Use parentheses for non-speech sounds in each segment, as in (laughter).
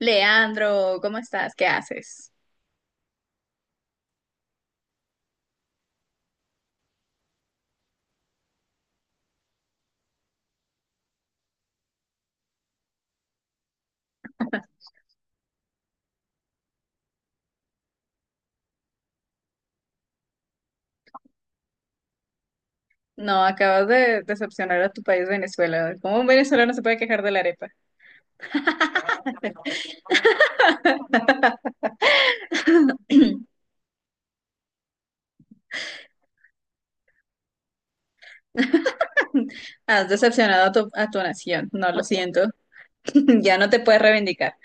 Leandro, ¿cómo estás? ¿Qué haces? No, acabas de decepcionar a tu país, Venezuela. ¿Cómo un venezolano se puede quejar de la arepa? (laughs) Has decepcionado a tu nación. No, lo siento. (laughs) Ya no te puedes reivindicar.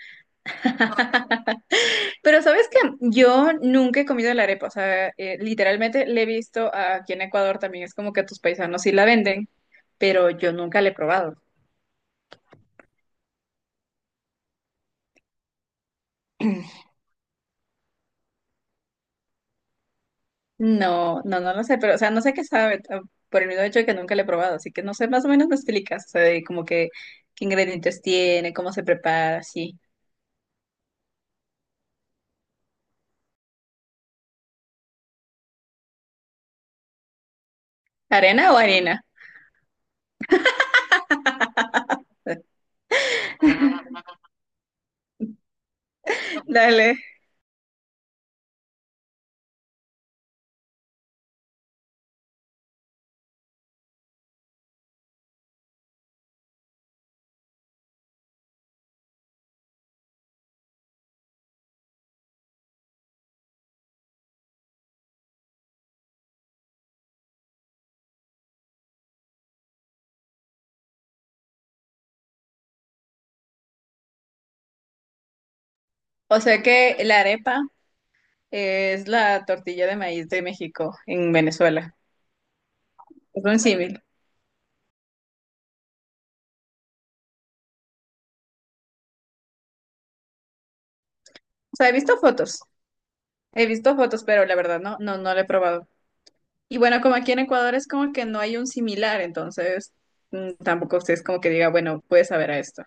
Pero sabes que yo nunca he comido la arepa. O sea, literalmente le he visto aquí en Ecuador también. Es como que tus paisanos sí la venden, pero yo nunca la he probado. (clears throat) No, no, no lo sé, pero, o sea, no sé qué sabe, por el mismo hecho de que nunca lo he probado, así que no sé, más o menos me explicas, o sea, de como que qué ingredientes tiene, cómo se prepara, sí. ¿Arena o harina? (laughs) Dale. O sea que la arepa es la tortilla de maíz de México en Venezuela. Es un símil. O sea, he visto fotos, pero la verdad no, no, no lo he probado. Y bueno, como aquí en Ecuador es como que no hay un similar, entonces tampoco usted es como que diga, bueno, puede saber a esto.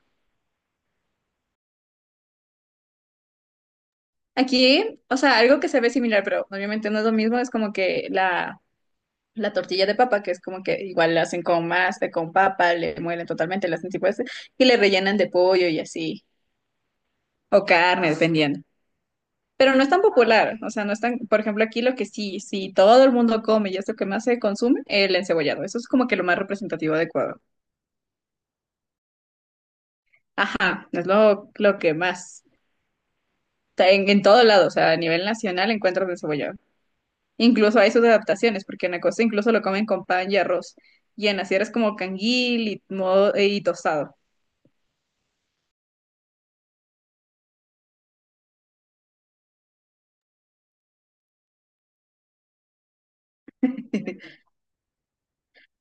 Aquí, o sea, algo que se ve similar, pero obviamente no es lo mismo, es como que la tortilla de papa, que es como que igual la hacen con masa, con papa, le muelen totalmente, la hacen tipo ese, y le rellenan de pollo y así, o carne, dependiendo. Pero no es tan popular, o sea, no es tan, por ejemplo, aquí lo que sí, sí todo el mundo come y es lo que más se consume, el encebollado. Eso es como que lo más representativo de Ecuador. Ajá, es lo que más, está en todo lado, o sea, a nivel nacional encuentro el encebollado. Incluso hay sus adaptaciones, porque en la costa incluso lo comen con pan y arroz. Y en la sierra es como canguil y, modo, y tostado. (laughs)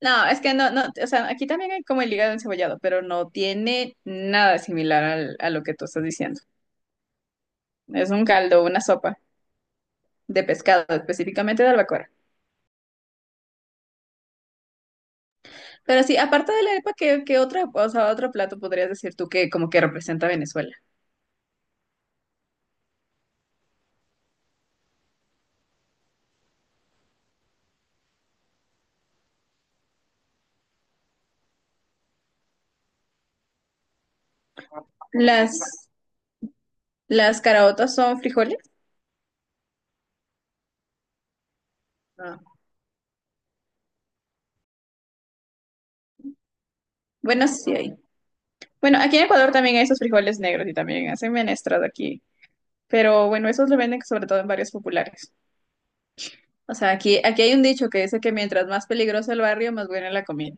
No, es que no, no, o sea, aquí también hay como el hígado encebollado, pero no tiene nada similar a lo que tú estás diciendo. Es un caldo, una sopa de pescado, específicamente de albacora. Pero sí, aparte de la arepa, ¿qué, qué otra, o sea, otro plato podrías decir tú que como que representa a Venezuela? Las, las caraotas son frijoles. Ah. Bueno, sí, hay. Bueno, aquí en Ecuador también hay esos frijoles negros y también hacen menestras aquí. Pero bueno, esos lo venden sobre todo en barrios populares. O sea, aquí, aquí hay un dicho que dice que mientras más peligroso el barrio, más buena la comida.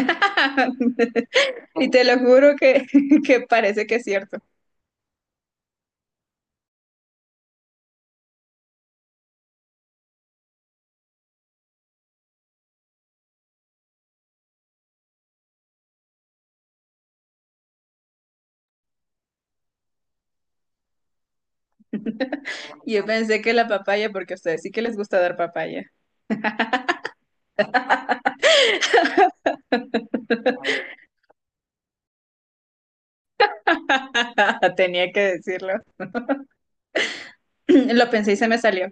(laughs) Y te lo juro que, (laughs) que parece que es cierto. Y yo pensé que la papaya, porque a ustedes sí que les gusta dar papaya. (laughs) Tenía que decirlo. (clears throat) Lo pensé y se me salió.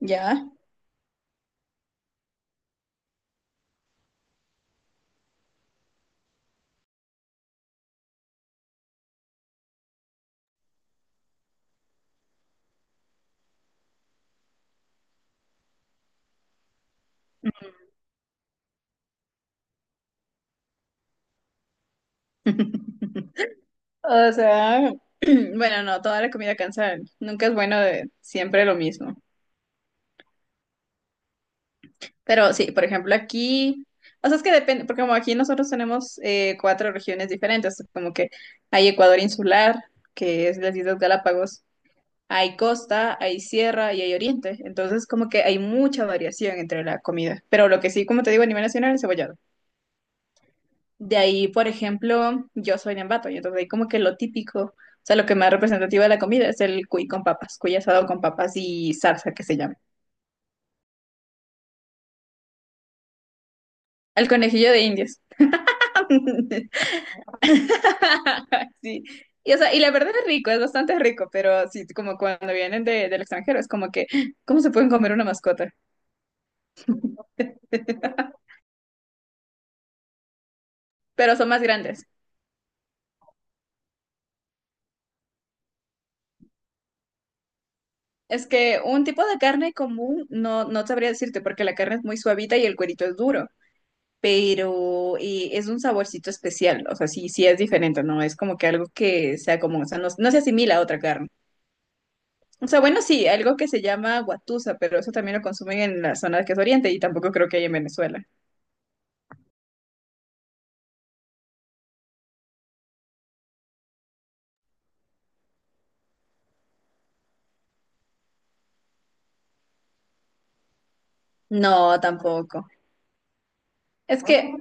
¿Ya? (laughs) O sea, (clears throat) bueno, no, toda la comida cansa. Nunca es bueno de siempre lo mismo. Pero sí, por ejemplo, aquí, o sea, es que depende, porque como aquí nosotros tenemos cuatro regiones diferentes, como que hay Ecuador insular, que es las Islas Galápagos, hay costa, hay sierra y hay oriente, entonces como que hay mucha variación entre la comida, pero lo que sí, como te digo, a nivel nacional es cebollado. De ahí, por ejemplo, yo soy de Ambato, y entonces ahí como que lo típico, o sea, lo que más representativo de la comida es el cuy con papas, cuy asado con papas y salsa que se llama. El conejillo de Indias. (laughs) (laughs) Sí. Y, o sea, y la verdad es rico, es bastante rico, pero sí, como cuando vienen de, del extranjero, es como que, ¿cómo se pueden comer una mascota? (laughs) Pero son más grandes. Es que un tipo de carne común no, no sabría decirte porque la carne es muy suavita y el cuerito es duro, pero es un saborcito especial, o sea, sí, sí es diferente, no es como que algo que sea común, o sea, no, no se asimila a otra carne. O sea, bueno, sí, algo que se llama guatusa, pero eso también lo consumen en la zona que es Oriente y tampoco creo que hay en Venezuela. No, tampoco. Es que,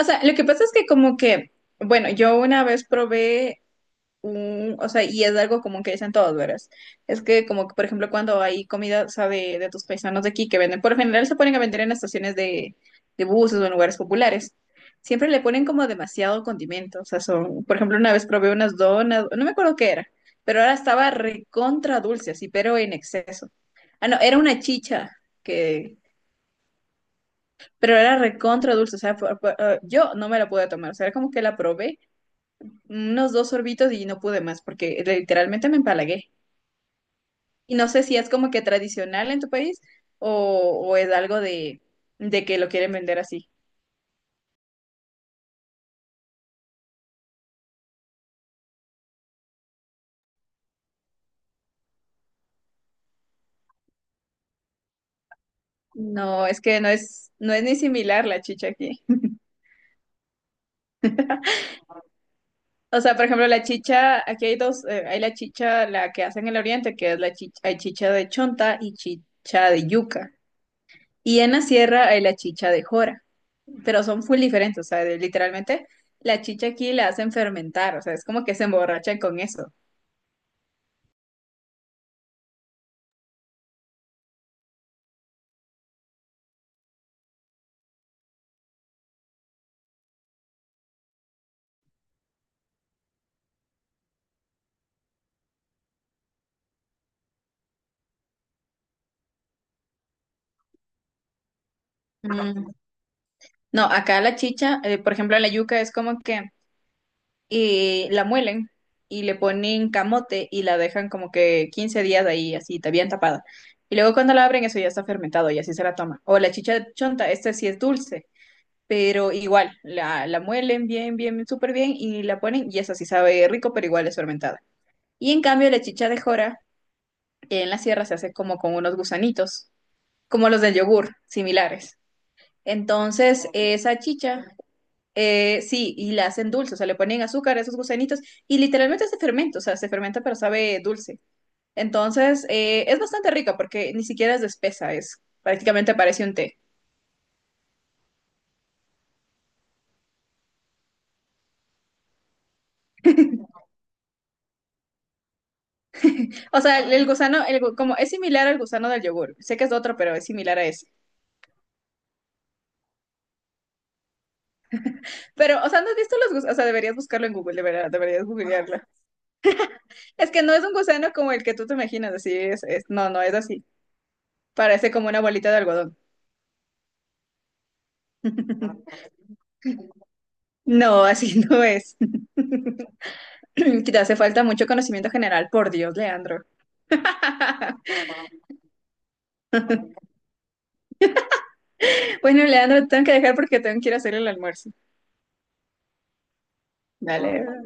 o sea, lo que pasa es que como que, bueno, yo una vez probé un, o sea, y es algo como que dicen todos, ¿verdad? Es que como que, por ejemplo, cuando hay comida, o sea, de tus paisanos de aquí que venden, por lo general se ponen a vender en estaciones de buses o en lugares populares. Siempre le ponen como demasiado condimento, o sea, son, por ejemplo, una vez probé unas donas, no me acuerdo qué era, pero ahora estaba recontra dulce, así, pero en exceso. Ah, no, era una chicha que, pero era recontra dulce, o sea, yo no me la pude tomar, o sea, era como que la probé unos dos sorbitos y no pude más, porque literalmente me empalagué. Y no sé si es como que tradicional en tu país o, o es algo de, que lo quieren vender así. No, es que no es, no es ni similar la chicha aquí. O sea, por ejemplo, la chicha, aquí hay dos, hay la chicha, la que hacen en el oriente, que es la chicha, hay chicha de chonta y chicha de yuca. Y en la sierra hay la chicha de jora, pero son full diferentes, o sea, de- literalmente la chicha aquí la hacen fermentar, o sea, es como que se emborrachan con eso. Mm, No, acá la chicha, por ejemplo, la yuca es como que la muelen y le ponen camote y la dejan como que 15 días ahí, así, ta- bien tapada. Y luego cuando la abren, eso ya está fermentado y así se la toma. O la chicha de chonta, esta sí es dulce, pero igual, la muelen bien, bien, súper bien y la ponen y esa sí sabe rico, pero igual es fermentada. Y en cambio, la chicha de jora en la sierra se hace como con unos gusanitos, como los del yogur, similares. Entonces, esa chicha, sí, y la hacen dulce, o sea, le ponen azúcar a esos gusanitos y literalmente se fermenta, o sea, se fermenta pero sabe dulce. Entonces, es bastante rica porque ni siquiera es de espesa, es prácticamente parece un té. O sea, el gusano, el gu- como es similar al gusano del yogur, sé que es otro, pero es similar a ese. Pero, o sea, ¿no has visto los gusanos? O sea, deberías buscarlo en Google, de verdad, deberías googlearlo. Es que no es un gusano como el que tú te imaginas, así es, No, no es así. Parece como una bolita de algodón. (laughs) No, así no es. (clears throat) Te hace falta mucho conocimiento general, por Dios, Leandro. (laughs) Bueno, Leandro, te tengo que dejar porque tengo que ir a hacer el almuerzo. Dale,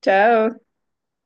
chao.